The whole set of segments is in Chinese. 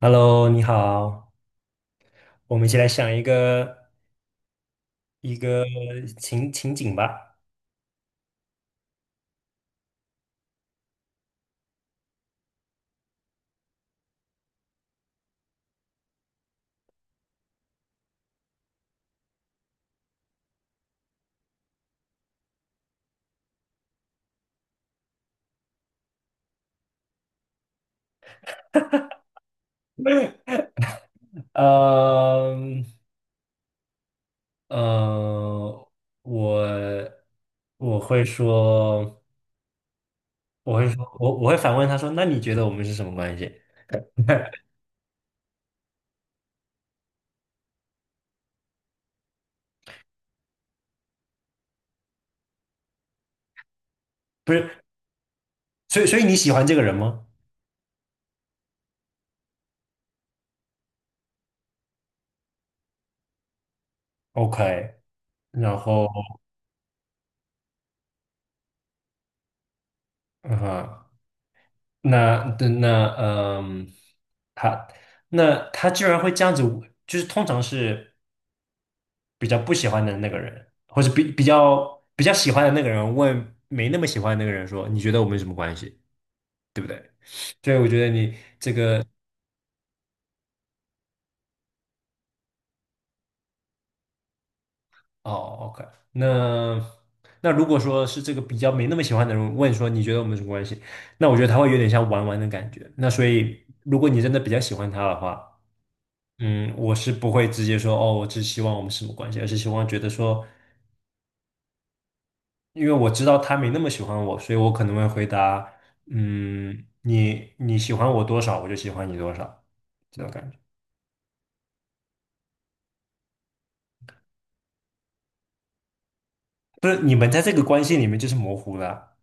Hello，你好，我们一起来想一个情景吧。嗯呃，我我会说，我会说，我会反问他说，那你觉得我们是什么关系？不是，所以你喜欢这个人吗？OK，然后嗯哼，那那那嗯，他那他居然会这样子，就是通常是。比较不喜欢的那个人，或者比较喜欢的那个人问没那么喜欢的那个人说，你觉得我们什么关系，对不对？所以我觉得哦，OK。那那如果说是这个比较没那么喜欢的人问说你觉得我们什么关系，那我觉得他会有点像玩玩的感觉。那所以如果你真的比较喜欢他的话，嗯，我是不会直接说哦，我只希望我们什么关系，而是希望觉得说因为我知道他没那么喜欢我，所以我可能会回答，嗯，你喜欢我多少，我就喜欢你多少，这种感觉。不是你们在这个关系里面就是模糊了。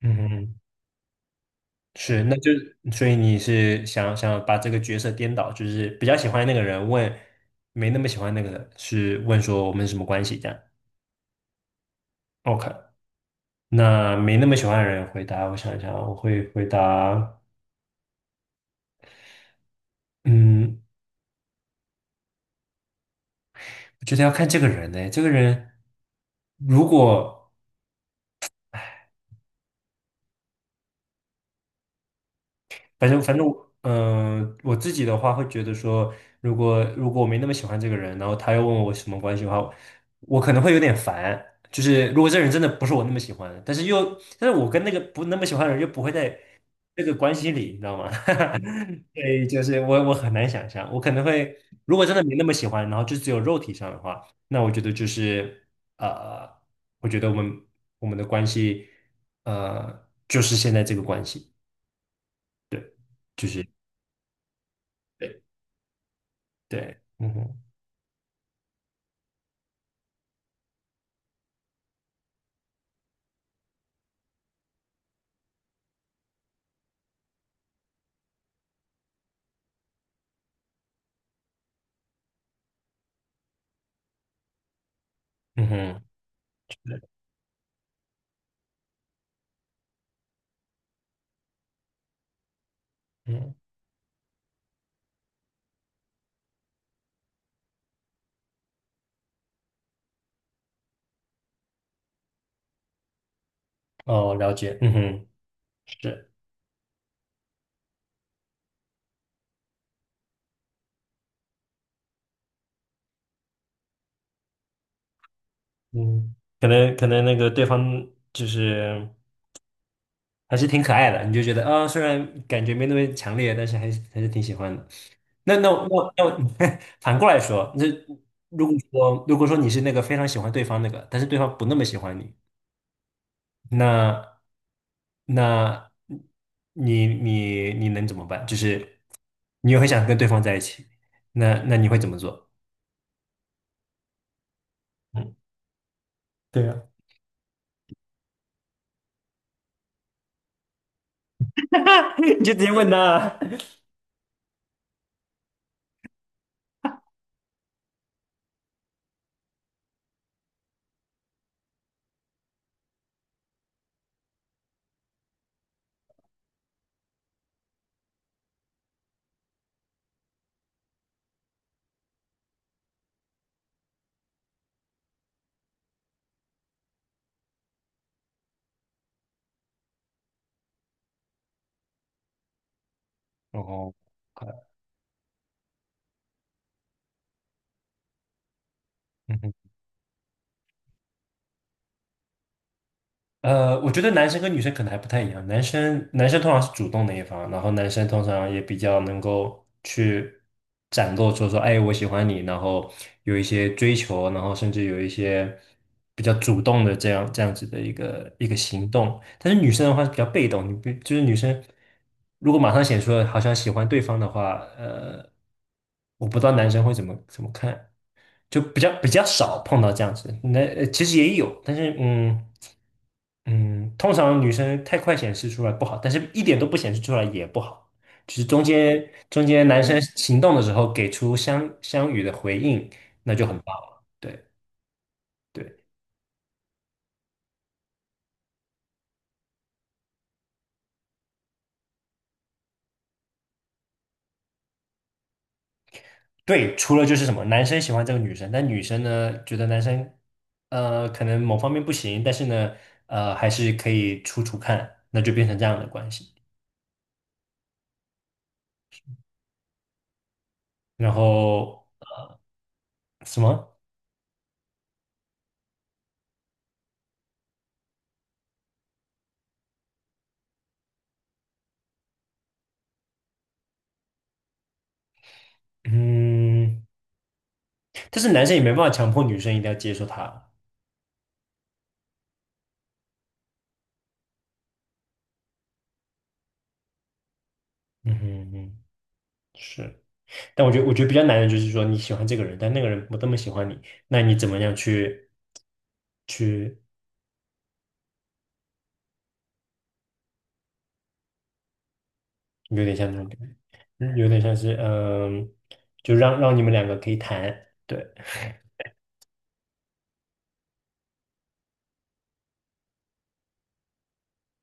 嗯哼，是，那就所以你是想把这个角色颠倒，就是比较喜欢那个人问，没那么喜欢那个人是问说我们是什么关系这样，OK。那没那么喜欢的人回答，我想一想，我会回答，嗯，我觉得要看这个人呢、这个人如果反正我，我自己的话会觉得说，如果我没那么喜欢这个人，然后他又问我什么关系的话，我可能会有点烦。就是如果这个人真的不是我那么喜欢的，但是又，但是我跟那个不那么喜欢的人又不会在这个关系里，你知道吗？所以就是我很难想象，我可能会如果真的没那么喜欢，然后就只有肉体上的话，那我觉得就是呃，我觉得我们的关系就是现在这个关系，对，就是。对对，嗯哼，嗯哼，对，嗯，哦，了解，嗯哼，是，嗯，可能那个对方就是还是挺可爱的，你就觉得啊、虽然感觉没那么强烈，但是还是还是挺喜欢的。那我 反过来说，那如果说你是那个非常喜欢对方那个，但是对方不那么喜欢你，那那你能怎么办？就是你又很想跟对方在一起，那你会怎么做？嗯，对啊，你就直接问他啊。哦，快，嗯哼。我觉得男生跟女生可能还不太一样，男生通常是主动的一方，然后男生通常也比较能够去展露出说，哎，我喜欢你，然后有一些追求，然后甚至有一些比较主动的这样子的一个行动，但是女生的话是比较被动，你不就是女生如果马上显出了好像喜欢对方的话，我不知道男生会怎么看，就比较少碰到这样子。那其实也有，但是通常女生太快显示出来不好，但是一点都不显示出来也不好。就是中间男生行动的时候给出相与的回应，那就很棒了。对对对，除了就是什么，男生喜欢这个女生，但女生呢觉得男生可能某方面不行，但是呢还是可以处看，那就变成这样的关系。然后什么？嗯。但是男生也没办法强迫女生一定要接受他。嗯哼嗯，是。但我觉得，我觉得比较难的就是说，你喜欢这个人，但那个人不这么喜欢你，那你怎么样去去，有点像那种感觉，嗯有点像是嗯，就让你们两个可以谈。对，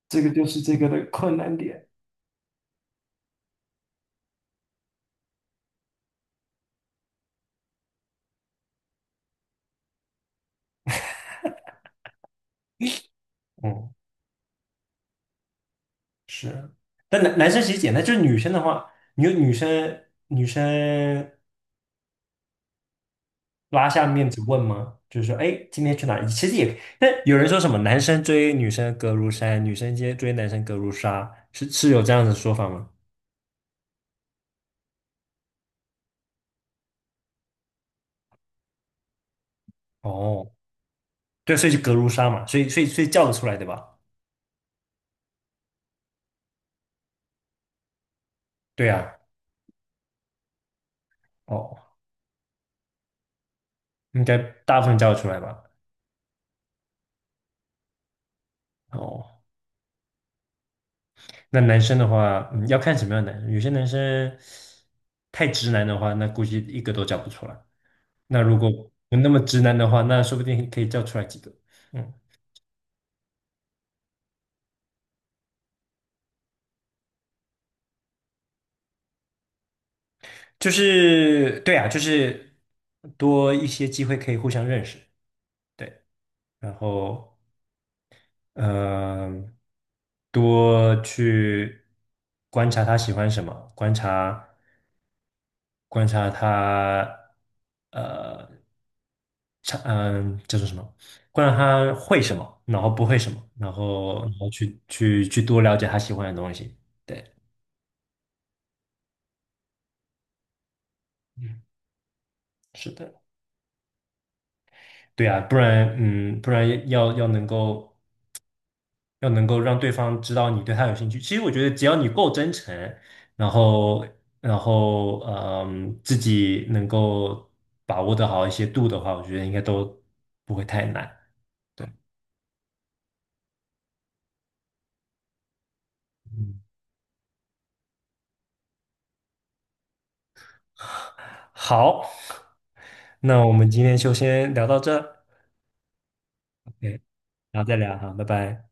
这个就是这个的困难点。嗯，是。但男生其实简单，就是女生的话，你有女生拉下面子问吗？就是说，哎，今天去哪里？其实也，但有人说什么男生追女生隔如山，女生接追男生隔如纱，是有这样的说法吗？哦，对，所以就隔如纱嘛，所以叫得出来对吧？对啊，哦，应该大部分叫得出来吧？哦，那男生的话，嗯，要看什么样的男生，有些男生太直男的话，那估计一个都叫不出来。那如果不那么直男的话，那说不定可以叫出来几个。嗯。就是对啊，就是多一些机会可以互相认识，对，然后嗯、呃多去观察他喜欢什么，观察他呃，叫做什么，观察他会什么，然后不会什么，然后然后去多了解他喜欢的东西，对，嗯，是的。对啊，不然嗯，不然要能够。要能够让对方知道你对他有兴趣。其实我觉得，只要你够真诚，然后，然后，嗯，自己能够把握得好一些度的话，我觉得应该都不会太难。对，嗯，好，那我们今天就先聊到这，OK,然后再聊哈，拜拜。